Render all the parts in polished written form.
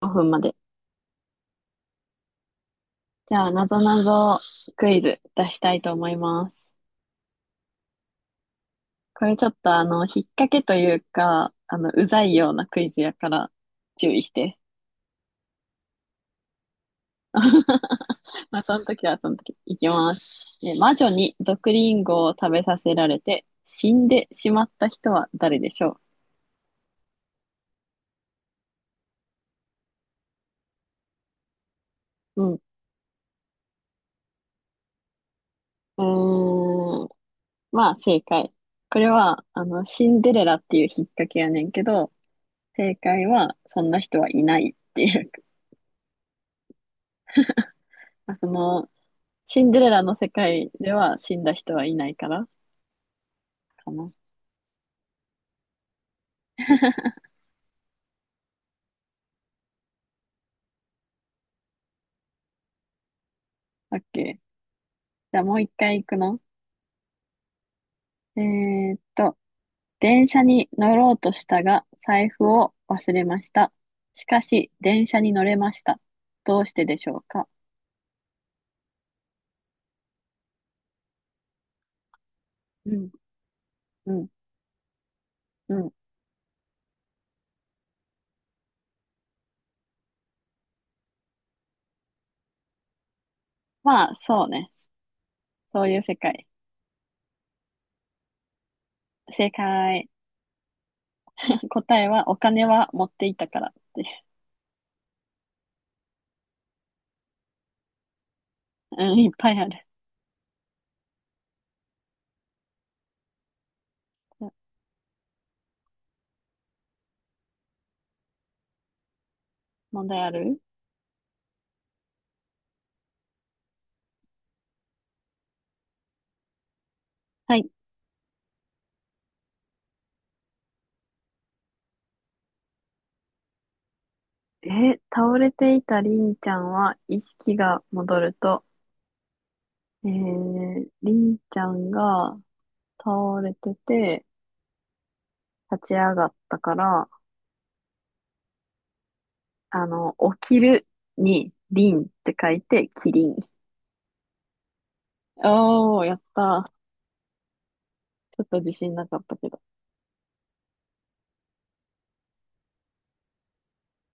5分まで。じゃあ、なぞなぞクイズ出したいと思います。これちょっと引っ掛けというか、うざいようなクイズやから注意して。まあ、その時はその時。いきます。魔女に毒リンゴを食べさせられて死んでしまった人は誰でしょう？うん。うーん。まあ、正解。これは、シンデレラっていう引っ掛けやねんけど、正解は、そんな人はいないっていう。まあその、シンデレラの世界では死んだ人はいないから、かな。オッケー。じゃあもう一回行くの？えーっと、電車に乗ろうとしたが、財布を忘れました。しかし、電車に乗れました。どうしてでしょうか？うん、うん、うん。まあ、そうね。そういう世界。正解。答えは、お金は持っていたからっていう。うん、いっぱいある。問題ある？はい。倒れていたりんちゃんは意識が戻ると、りんちゃんが倒れてて、立ち上がったから、起きるに、りんって書いて、キリン。おー、やった。ちょっと自信なかったけど。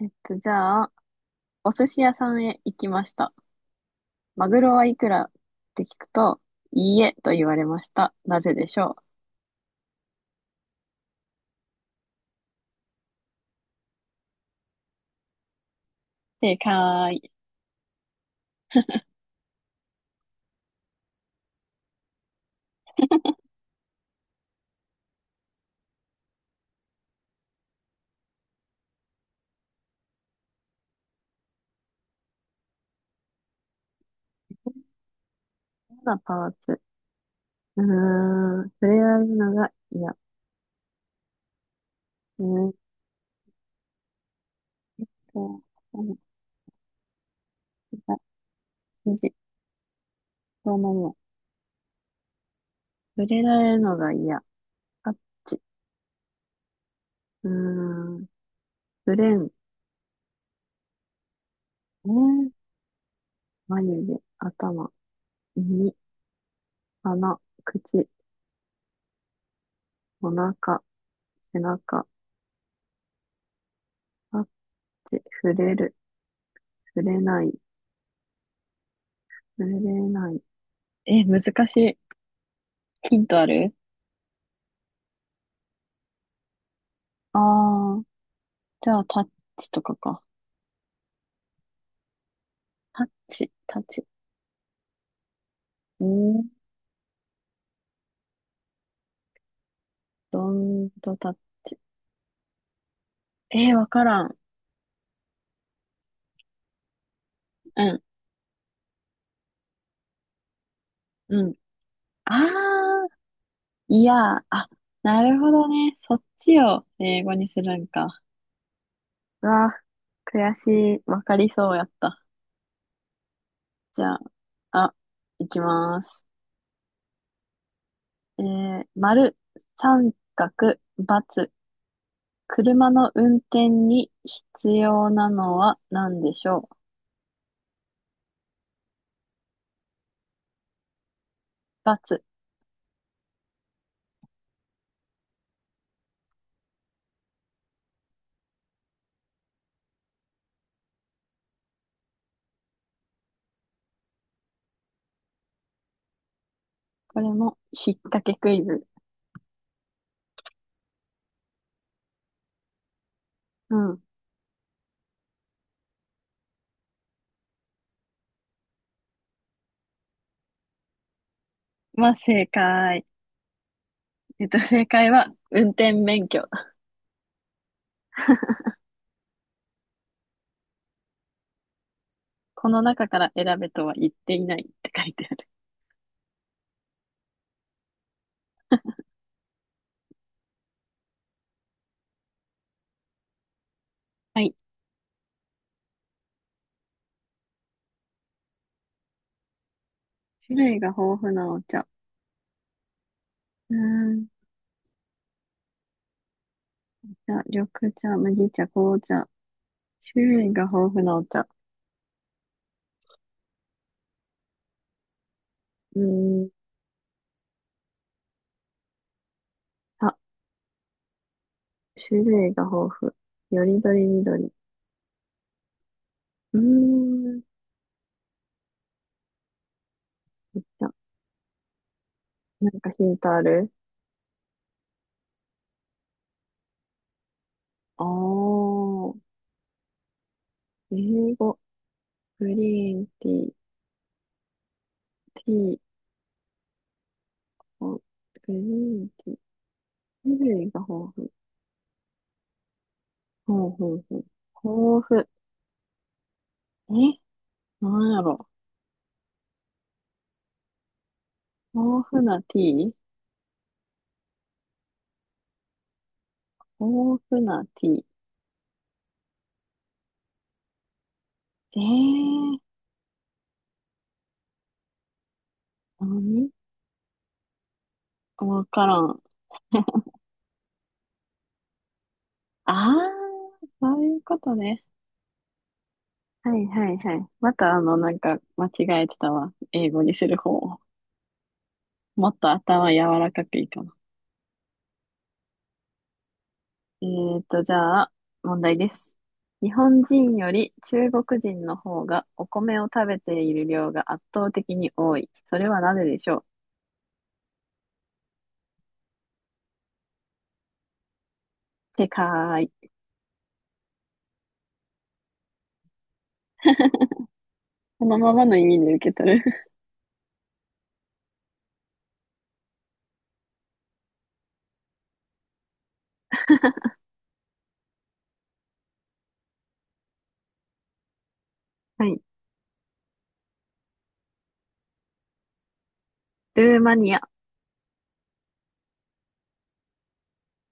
えっと、じゃあ、お寿司屋さんへ行きました。マグロはいくらって聞くと、いいえと言われました。なぜでしょう？正解。嫌なパーツ。うーん、触れられるのが嫌。うーんと、あの、無どうなるのまま触れられるのが嫌。タッチ。うーん。触れん。えー眉毛、頭、耳、鼻、口、お腹、背中、タッチ、触れる、触れない、触れない。え、難しい。ヒントある？ああー、じゃあタッチとかか。タッチ、タッチ。うーん、どんとタッチ。えー、わからん。うん、うん。ああ、いや、あ、なるほどね。そっちを英語にするんか。うわ、悔しい。わかりそうやった。じゃあ、あ、いきます。えー、丸、三角、×、車の運転に必要なのは何でしょう？×、バツ、これも引っ掛けクイズ。うん。まあ、正解。えっと、正解は、運転免許。この中から選べとは言っていないって書いてある。はい。種類が豊富なお茶。うーん。じゃあ、緑茶、麦茶、紅茶、種類が豊富なお茶。うーん。あ、種類が豊富。よりどりみどり。うーん。お茶。なんかヒントある？あー。英語。グリーンティー。ティー。おグリーンティー。種類が豊富。ほうほうほう。豊富。えなんやろ。豊富なティー。豊富なティー。えー、何わからん。あー、そういうことね。はいはいはい。またなんか間違えてたわ。英語にする方を。もっと頭柔らかくいいかな。えーと、じゃあ、問題です。日本人より中国人の方がお米を食べている量が圧倒的に多い。それはなぜでしょう？てかーい。このままの意味で受け取る。はい。ルーマニア。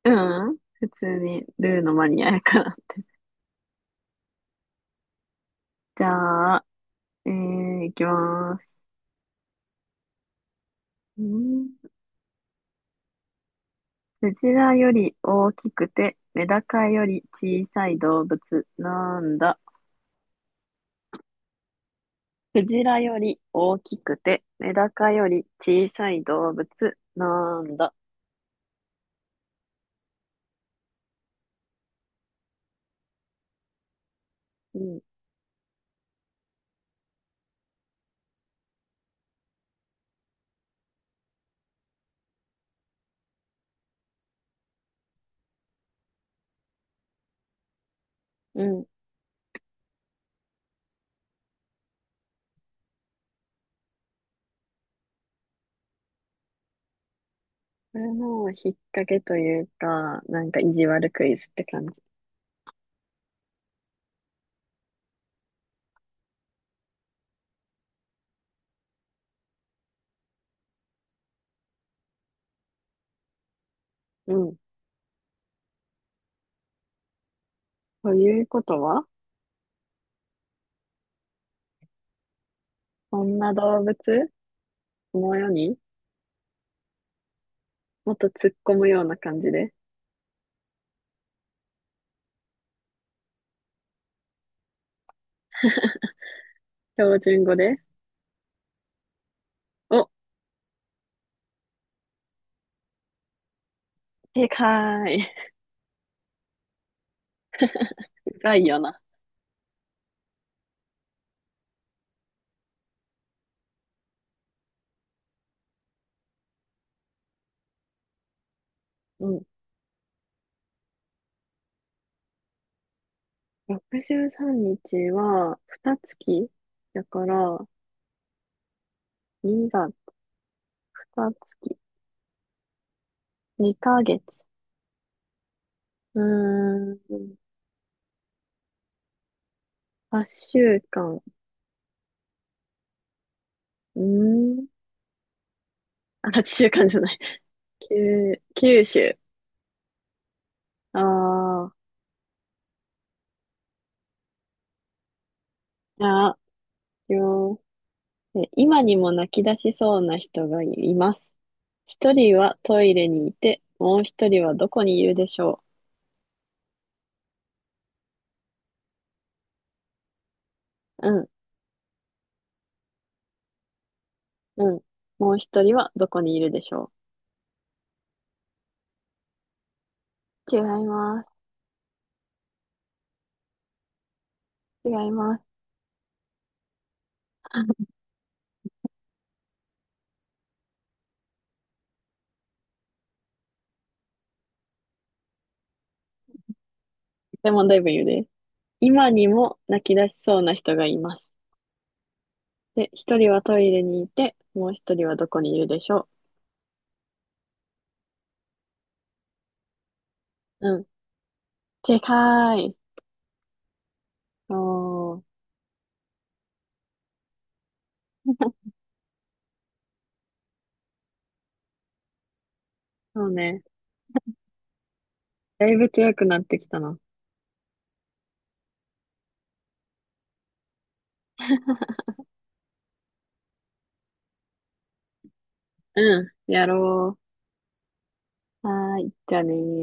うん。普通にルーのマニアやから。じゃあ、えー、いきます。うん。クジラより大きくて、メダカより小さい動物なんだ。クジラより大きくて、メダカより小さい動物なんだ。うん、うん。これも引っ掛けというか、なんか意地悪クイズって感じ。うん。ということは、こんな動物この世に、もっと突っ込むような感じで、標準語で。お、でかい。深いよな。うん。63日は、二月だから、2月、二月、2ヶ月。うーん、8週間。うーん、あ、8週間じゃない。9、九週。ああ、じゃあ、よ、今にも泣き出しそうな人がいます。一人はトイレにいて、もう一人はどこにいるでしょう？うん、うん。もう一人はどこにいるでしょう？違います。違います。でもだい言うです。今にも泣き出しそうな人がいます。で、一人はトイレにいて、もう一人はどこにいるでしょう？うん。正解。おー、そうね。だいぶ強くなってきたな。うん。やろう。はーい。じゃあねー。